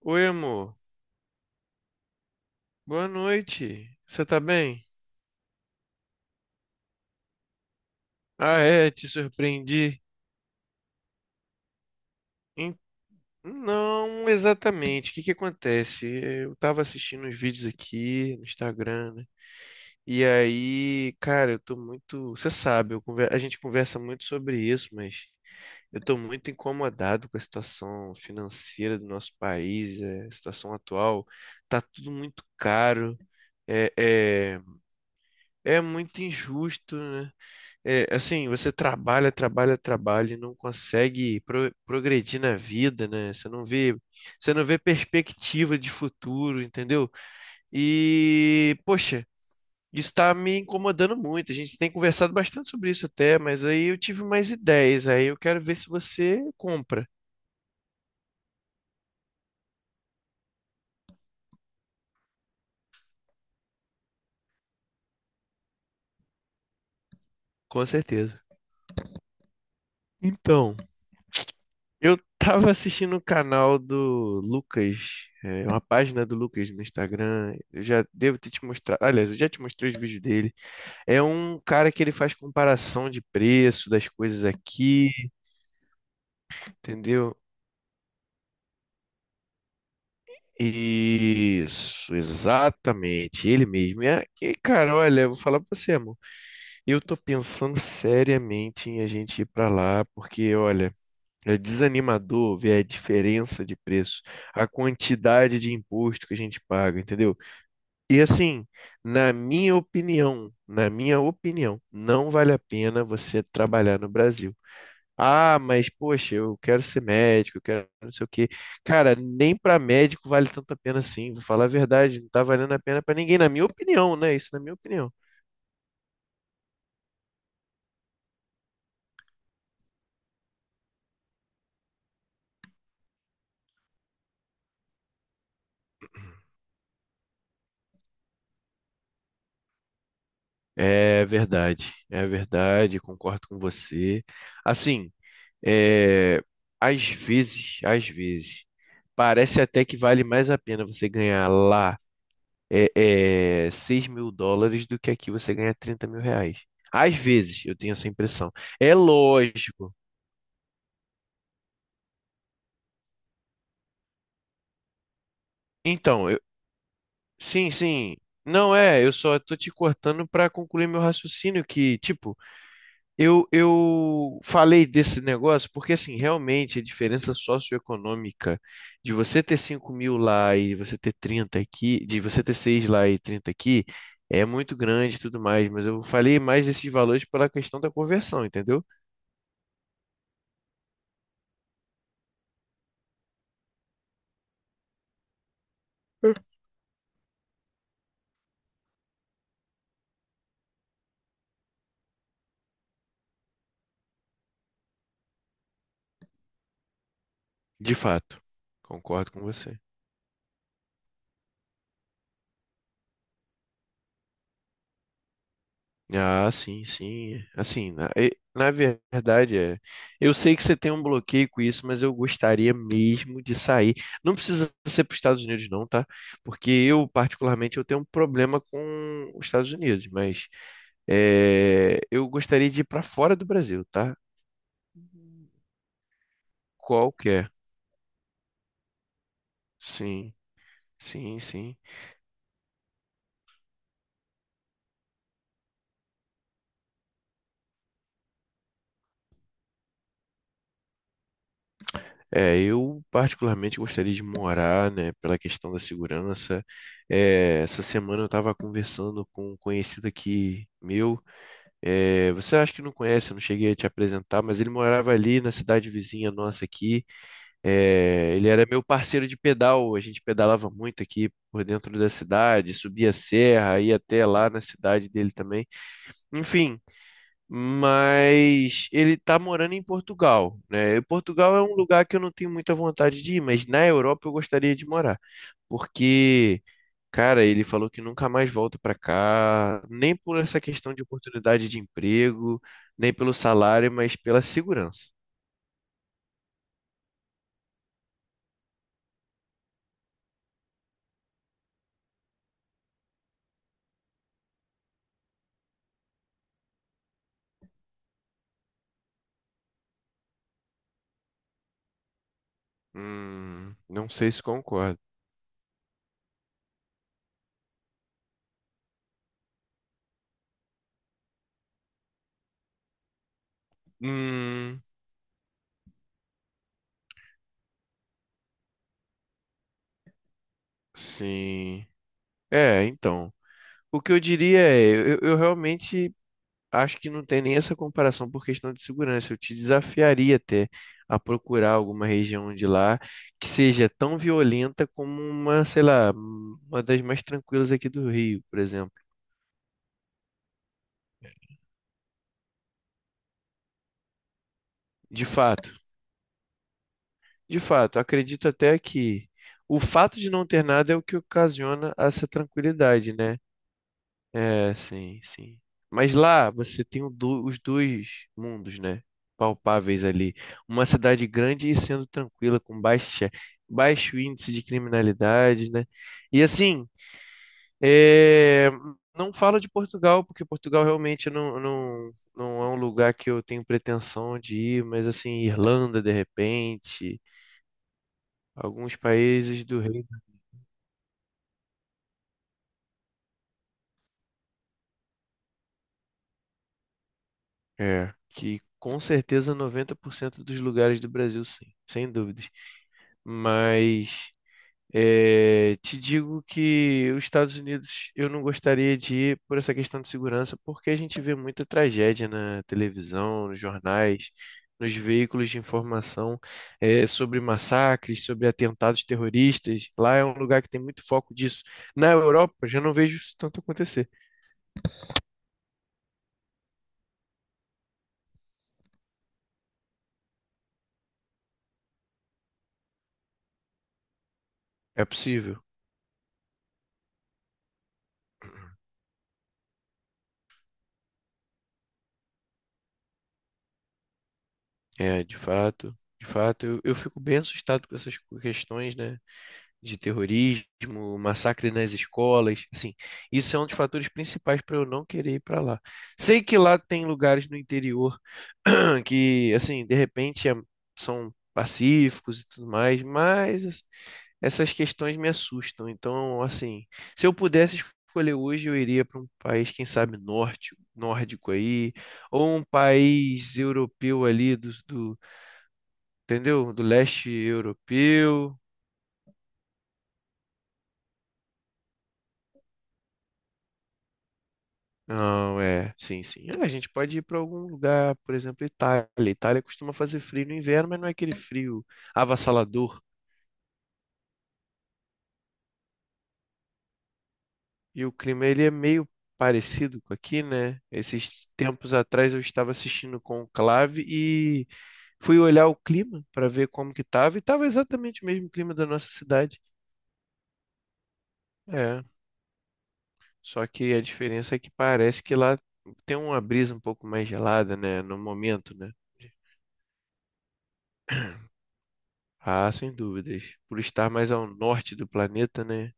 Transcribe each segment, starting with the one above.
Oi, amor. Boa noite. Você tá bem? Ah, é, te surpreendi. Em- Não exatamente. O que que acontece? Eu tava assistindo uns vídeos aqui no Instagram, né? E aí, cara, eu tô muito. Você sabe, a gente conversa muito sobre isso, mas eu tô muito incomodado com a situação financeira do nosso país, é, a situação atual. Tá tudo muito caro. É, é, é muito injusto, né? É, assim, você trabalha, trabalha, trabalha e não consegue progredir na vida, né? Você não vê perspectiva de futuro, entendeu? E, poxa, isso está me incomodando muito. A gente tem conversado bastante sobre isso até, mas aí eu tive mais ideias, aí eu quero ver se você compra, com certeza. Então, eu tava assistindo o canal do Lucas, é, uma página do Lucas no Instagram. Eu já devo ter te mostrado, aliás, eu já te mostrei os vídeos dele. É um cara que ele faz comparação de preço das coisas aqui, entendeu? Isso, exatamente, ele mesmo. E, cara, olha, eu vou falar pra você, amor. Eu tô pensando seriamente em a gente ir pra lá, porque, olha, é desanimador ver a diferença de preço, a quantidade de imposto que a gente paga, entendeu? E assim, na minha opinião, não vale a pena você trabalhar no Brasil. Ah, mas poxa, eu quero ser médico, eu quero não sei o quê. Cara, nem para médico vale tanto a pena assim, vou falar a verdade, não tá valendo a pena para ninguém, na minha opinião, né? Isso na minha opinião. É verdade, concordo com você. Assim, é, às vezes, parece até que vale mais a pena você ganhar lá 6 mil dólares do que aqui você ganhar 30 mil reais. Às vezes, eu tenho essa impressão. É lógico. Então, eu, sim, sim. Não é, eu só tô te cortando para concluir meu raciocínio que, tipo, eu falei desse negócio porque assim, realmente a diferença socioeconômica de você ter 5 mil lá e você ter 30 aqui, de você ter 6 lá e 30 aqui, é muito grande e tudo mais, mas eu falei mais desses valores pela questão da conversão, entendeu? De fato. Concordo com você. Ah, sim, sim. Assim, na verdade, é. Eu sei que você tem um bloqueio com isso, mas eu gostaria mesmo de sair. Não precisa ser para os Estados Unidos, não, tá? Porque eu, particularmente, eu tenho um problema com os Estados Unidos, mas é, eu gostaria de ir para fora do Brasil, tá? Qualquer. Sim, sim, sim. É, eu particularmente gostaria de morar, né, pela questão da segurança. É, essa semana eu estava conversando com um conhecido aqui meu. É, você acha que não conhece, eu não cheguei a te apresentar, mas ele morava ali na cidade vizinha nossa aqui. É, ele era meu parceiro de pedal, a gente pedalava muito aqui por dentro da cidade, subia a serra, ia até lá na cidade dele também. Enfim, mas ele tá morando em Portugal, né? E Portugal é um lugar que eu não tenho muita vontade de ir, mas na Europa eu gostaria de morar, porque, cara, ele falou que nunca mais volta para cá, nem por essa questão de oportunidade de emprego, nem pelo salário, mas pela segurança. Não sei se concordo. Hum, sim. É, então. O que eu diria é, eu realmente acho que não tem nem essa comparação por questão de segurança. Eu te desafiaria até a procurar alguma região de lá que seja tão violenta como uma, sei lá, uma das mais tranquilas aqui do Rio, por exemplo. De fato, de fato, acredito até que o fato de não ter nada é o que ocasiona essa tranquilidade, né? É, sim, sim. Mas lá você tem os dois mundos, né? Palpáveis ali. Uma cidade grande e sendo tranquila, com baixa, baixo índice de criminalidade, né? E assim, é, não falo de Portugal, porque Portugal realmente não, não, não é um lugar que eu tenho pretensão de ir, mas assim, Irlanda, de repente, alguns países do Reino. É, que com certeza 90% dos lugares do Brasil, sim, sem dúvida. Mas eh, te digo que os Estados Unidos eu não gostaria de ir por essa questão de segurança, porque a gente vê muita tragédia na televisão, nos jornais, nos veículos de informação sobre massacres, sobre atentados terroristas. Lá é um lugar que tem muito foco disso. Na Europa já não vejo isso tanto acontecer. É possível, é de fato. De fato, eu fico bem assustado com essas questões, né? De terrorismo, massacre nas escolas, assim, isso é um dos fatores principais para eu não querer ir para lá. Sei que lá tem lugares no interior que, assim, são pacíficos e tudo mais, mas essas questões me assustam. Então, assim, se eu pudesse escolher hoje, eu iria para um país, quem sabe, norte, nórdico aí, ou um país europeu ali entendeu? Do leste europeu. Não, é, sim, sim. Ah, a gente pode ir para algum lugar, por exemplo, Itália. Itália costuma fazer frio no inverno, mas não é aquele frio avassalador. E o clima ele é meio parecido com aqui, né? Esses tempos atrás eu estava assistindo Conclave e fui olhar o clima para ver como que tava e tava exatamente o mesmo clima da nossa cidade. É, só que a diferença é que parece que lá tem uma brisa um pouco mais gelada, né? No momento, né? Ah, sem dúvidas. Por estar mais ao norte do planeta, né?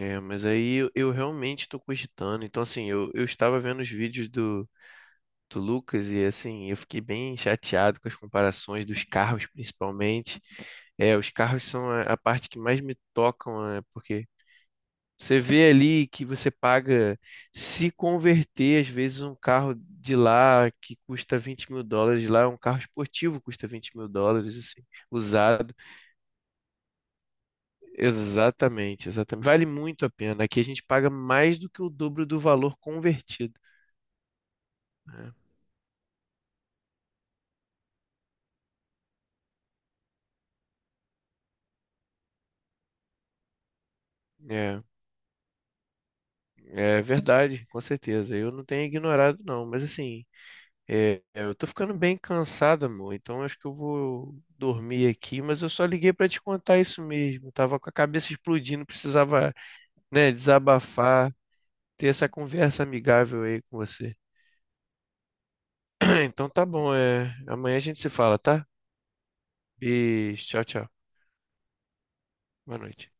É, mas aí eu realmente estou cogitando. Então, assim, eu estava vendo os vídeos do Lucas e, assim, eu fiquei bem chateado com as comparações dos carros, principalmente. É, os carros são a parte que mais me tocam, né? Porque você vê ali que você paga, se converter, às vezes, um carro de lá que custa 20 mil dólares, lá é um carro esportivo custa 20 mil dólares, assim, usado. Exatamente, exatamente. Vale muito a pena. Aqui a gente paga mais do que o dobro do valor convertido. Né? É, é verdade, com certeza. Eu não tenho ignorado, não. Mas assim, eu tô ficando bem cansado, amor. Então acho que eu vou dormir aqui. Mas eu só liguei pra te contar isso mesmo. Tava com a cabeça explodindo, precisava, né, desabafar, ter essa conversa amigável aí com você. Então tá bom. É, amanhã a gente se fala, tá? Beijo, tchau, tchau. Boa noite.